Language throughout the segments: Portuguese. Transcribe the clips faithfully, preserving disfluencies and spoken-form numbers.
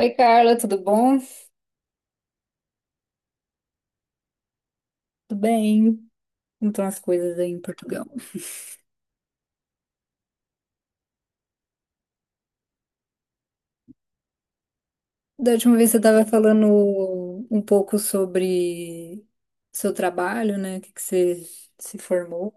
Oi, Carla, tudo bom? Tudo bem? Como estão as coisas aí em Portugal? Da última vez você estava falando um pouco sobre seu trabalho, né? O que que você se formou.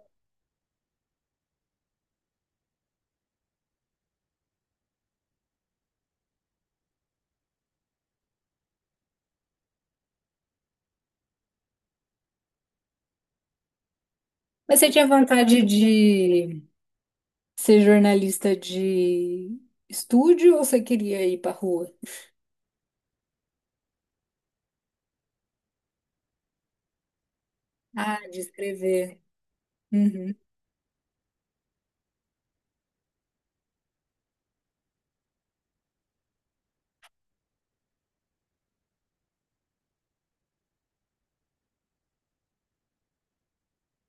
Mas você tinha vontade de ser jornalista de estúdio ou você queria ir para rua? Ah, de escrever. Uhum,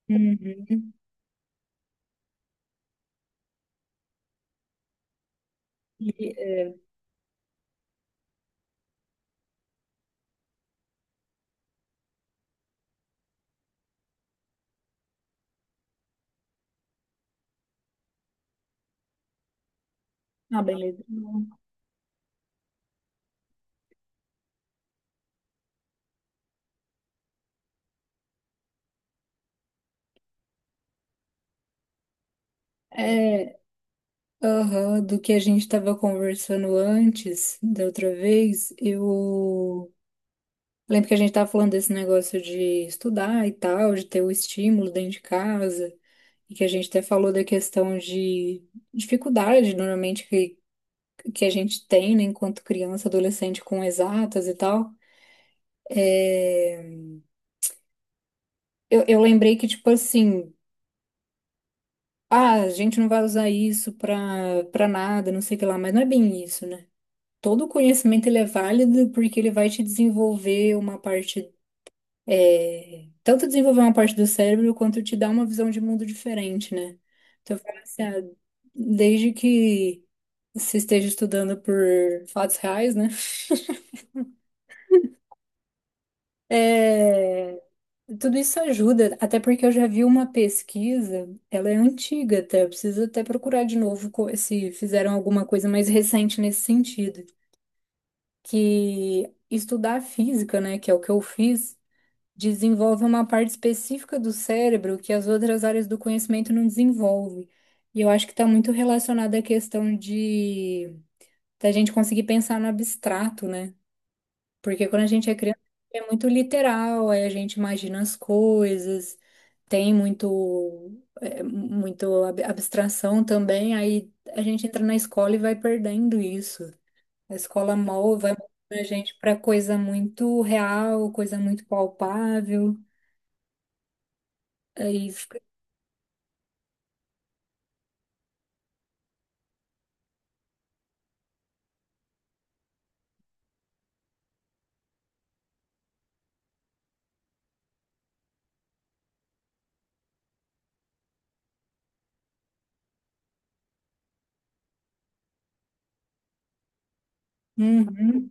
uhum. E, é, Ah, beleza. É, Aham, do que a gente estava conversando antes, da outra vez, eu lembro que a gente estava falando desse negócio de estudar e tal, de ter o estímulo dentro de casa, e que a gente até falou da questão de dificuldade, normalmente, que, que a gente tem, né, enquanto criança, adolescente, com exatas e tal. É, Eu, eu lembrei que, tipo assim, ah, a gente não vai usar isso pra, pra nada, não sei o que lá, mas não é bem isso, né? Todo conhecimento ele é válido porque ele vai te desenvolver uma parte, é, tanto desenvolver uma parte do cérebro quanto te dar uma visão de mundo diferente, né? Então, eu falo assim, ah, desde que você esteja estudando por fatos reais, né? É, tudo isso ajuda, até porque eu já vi uma pesquisa, ela é antiga até, eu preciso até procurar de novo co- se fizeram alguma coisa mais recente nesse sentido, que estudar física, né, que é o que eu fiz desenvolve uma parte específica do cérebro que as outras áreas do conhecimento não desenvolvem. E eu acho que está muito relacionado à questão de da gente conseguir pensar no abstrato, né? Porque quando a gente é criança é muito literal, aí a gente imagina as coisas, tem muito é, muito ab- abstração também, aí a gente entra na escola e vai perdendo isso. A escola mol vai moldando a gente para coisa muito real, coisa muito palpável. Aí uhum,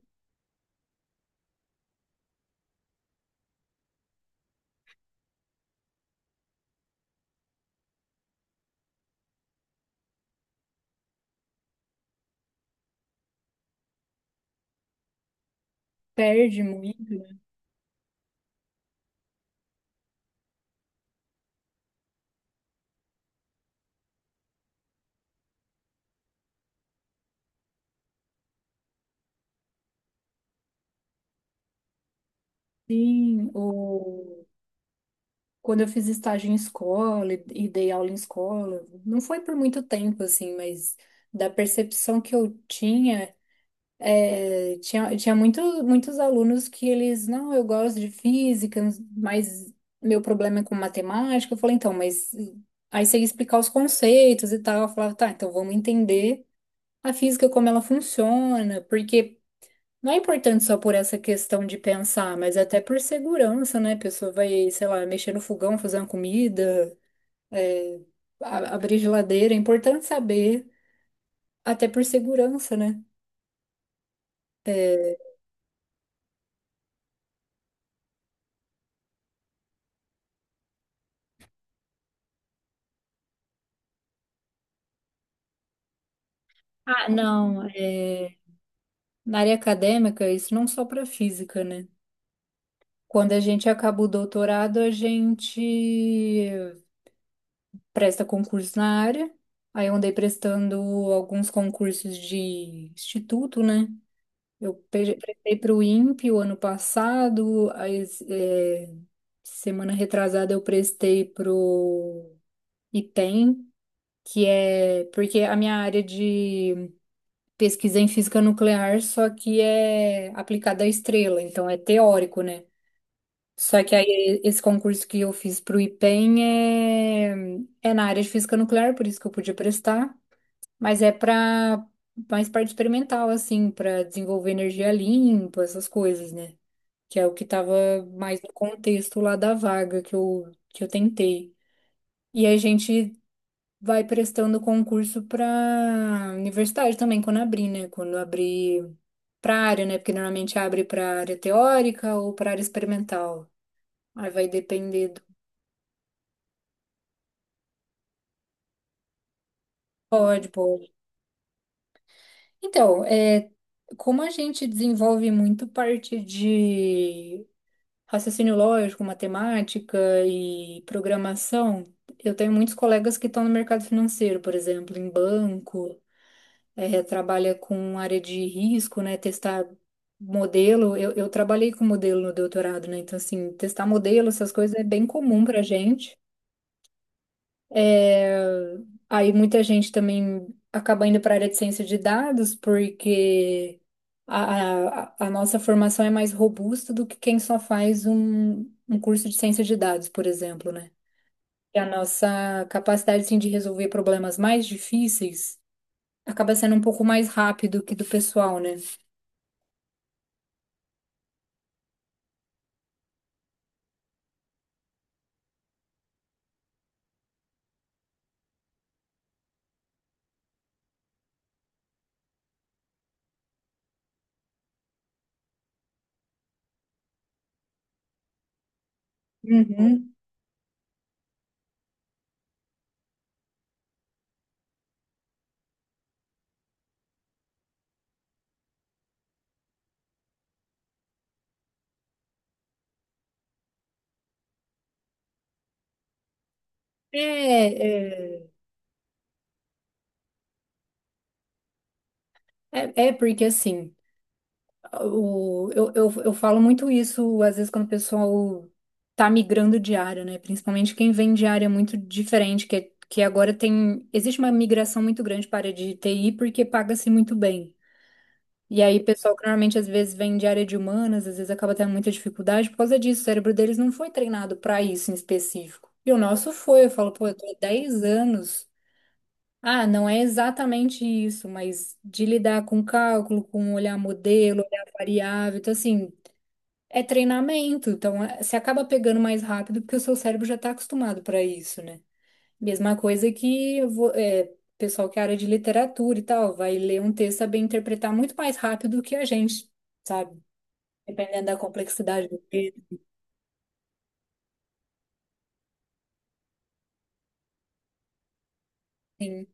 perde muito. Sim, o... quando eu fiz estágio em escola e e dei aula em escola, não foi por muito tempo, assim, mas da percepção que eu tinha, eh, tinha, tinha muito, muitos alunos que eles, não, eu gosto de física, mas meu problema é com matemática. Eu falei, então, mas eh, aí você ia explicar os conceitos e tal. Eu falava, tá, então vamos entender a física, como ela funciona, porque não é importante só por essa questão de pensar, mas até por segurança, né? A pessoa vai, sei lá, mexer no fogão, fazer uma comida, é, a- abrir geladeira. É importante saber, até por segurança, né? É, ah, não. É, na área acadêmica, isso não só para física, né? Quando a gente acaba o doutorado, a gente presta concurso na área. Aí eu andei prestando alguns concursos de instituto, né? Eu pre- prestei para o impe o ano passado, a es- é, semana retrasada eu prestei para o IPEM, que é porque a minha área de pesquisa é em física nuclear, só que é aplicada à estrela, então é teórico, né? Só que aí esse concurso que eu fiz para o IPEM é, é na área de física nuclear, por isso que eu podia prestar, mas é para mais parte experimental, assim, para desenvolver energia limpa, essas coisas, né? Que é o que estava mais no contexto lá da vaga que eu, que eu tentei. E a gente vai prestando concurso para universidade também, quando abrir, né? Quando abrir para área, né? Porque normalmente abre para área teórica ou para área experimental. Aí vai depender do. Pode, pode. Então, é, como a gente desenvolve muito parte de raciocínio lógico, matemática e programação. Eu tenho muitos colegas que estão no mercado financeiro, por exemplo, em banco, eh, trabalha com área de risco, né? Testar modelo. Eu, eu trabalhei com modelo no doutorado, né? Então, assim, testar modelo, essas coisas é bem comum pra gente. É, aí muita gente também acaba indo para a área de ciência de dados, porque a, a, a nossa formação é mais robusta do que quem só faz um, um curso de ciência de dados, por exemplo, né? E a nossa capacidade, assim, de resolver problemas mais difíceis acaba sendo um pouco mais rápido que do pessoal, né? Uhum. É, é, é, é porque assim. O, eu, eu, eu falo muito isso, às vezes, quando o pessoal tá migrando de área, né? Principalmente quem vem de área muito diferente, que, é- que agora tem. Existe uma migração muito grande para a área de T I porque paga-se muito bem. E aí, pessoal que normalmente às vezes vem de área de humanas, às vezes acaba tendo muita dificuldade por causa disso. O cérebro deles não foi treinado para isso em específico. E o nosso foi. Eu falo, pô, eu tô há dez anos. Ah, não é exatamente isso, mas de lidar com cálculo, com olhar modelo, olhar variável. Então, assim, é treinamento, então é- você acaba pegando mais rápido porque o seu cérebro já está acostumado para isso, né? Mesma coisa que eu vou- é, pessoal que é área de literatura e tal, vai ler um texto, saber interpretar muito mais rápido do que a gente, sabe? Dependendo da complexidade do texto, assim.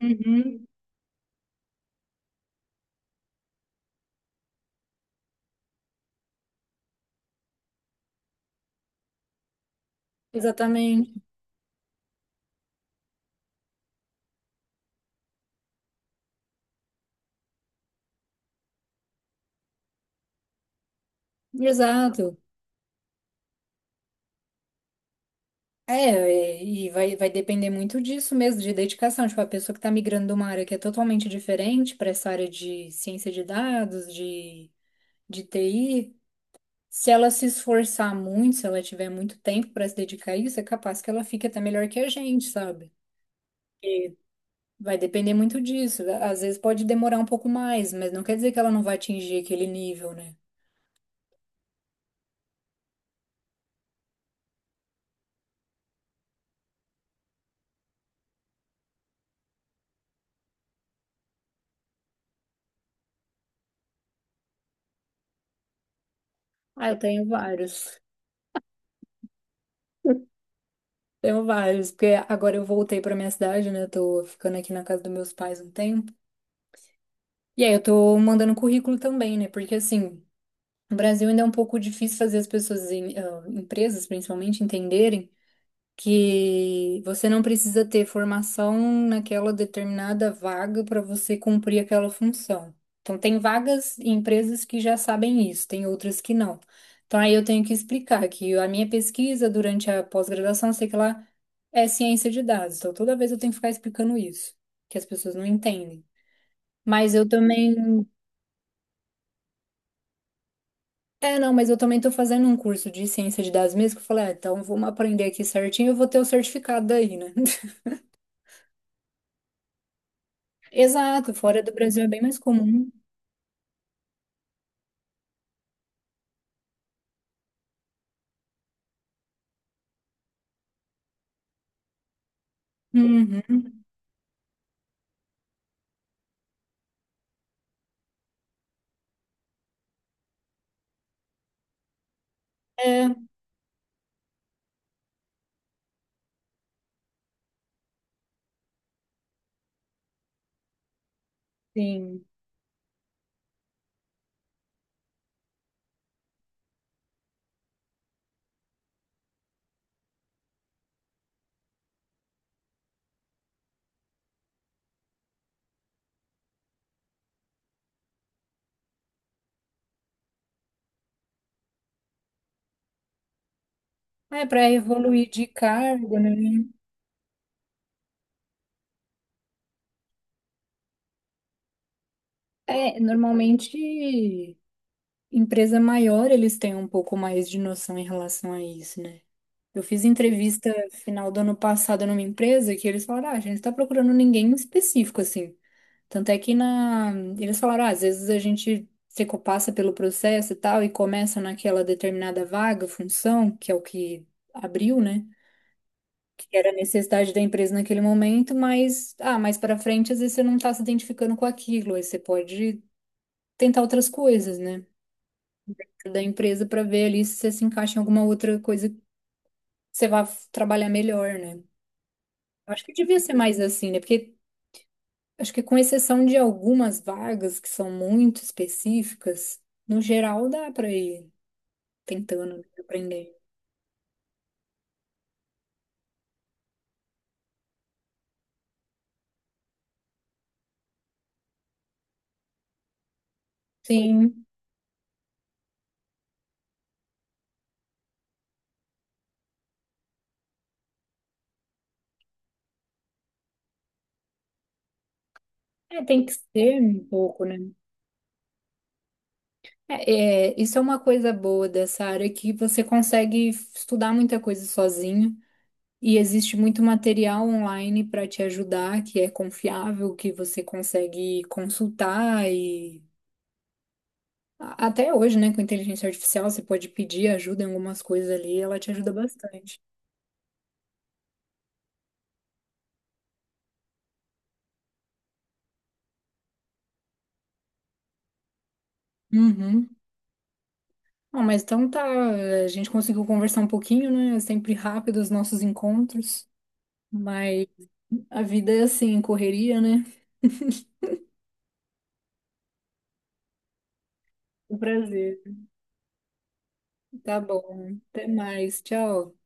Uhum, exatamente. Exato. É, é, e vai, vai depender muito disso mesmo, de dedicação. Tipo, a pessoa que está migrando de uma área que é totalmente diferente para essa área de ciência de dados, de, de T I. Se ela se esforçar muito, se ela tiver muito tempo para se dedicar a isso, é capaz que ela fique até melhor que a gente, sabe? Vai depender muito disso. Às vezes pode demorar um pouco mais, mas não quer dizer que ela não vai atingir aquele nível, né? Ah, eu tenho vários. Tenho vários, porque agora eu voltei para minha cidade, né? Eu tô ficando aqui na casa dos meus pais um tempo. E aí eu tô mandando currículo também, né? Porque assim, no Brasil ainda é um pouco difícil fazer as pessoas, em- ah, empresas principalmente, entenderem que você não precisa ter formação naquela determinada vaga para você cumprir aquela função. Então, tem vagas e empresas que já sabem isso, tem outras que não. Então, aí eu tenho que explicar que a minha pesquisa durante a pós-graduação, sei que lá, é ciência de dados. Então, toda vez eu tenho que ficar explicando isso, que as pessoas não entendem. Mas eu também. É, não, mas eu também estou fazendo um curso de ciência de dados mesmo, que eu falei, ah, então vamos aprender aqui certinho, eu vou ter o certificado daí, né? Exato, fora do Brasil é bem mais comum. Uhum. É, sim. É, para evoluir de cargo, né? É, normalmente, empresa maior, eles têm um pouco mais de noção em relação a isso, né? Eu fiz entrevista final do ano passado numa empresa que eles falaram, ah, a gente tá procurando ninguém em específico, assim. Tanto é que na... eles falaram, ah, às vezes a gente se co- passa pelo processo e tal e começa naquela determinada vaga, função, que é o que abriu, né? Que era a necessidade da empresa naquele momento, mas ah, mais para frente às vezes você não está se identificando com aquilo, aí você pode tentar outras coisas, né? Da empresa para ver ali se você se encaixa em alguma outra coisa que você vá f- trabalhar melhor, né? Eu acho que devia ser mais assim, né? Porque acho que com exceção de algumas vagas que são muito específicas, no geral dá para ir tentando né, aprender. Sim, é, tem que ser um pouco, né? É, é, isso é uma coisa boa dessa área é que você consegue estudar muita coisa sozinho e existe muito material online para te ajudar, que é confiável, que você consegue consultar e a- até hoje, né, com inteligência artificial, você pode pedir ajuda em algumas coisas ali, e ela te ajuda bastante. Uhum. Bom, mas então tá, a gente conseguiu conversar um pouquinho, né? É sempre rápido os nossos encontros, mas a vida é assim, correria, né? O prazer. Tá bom. Até mais. Tchau.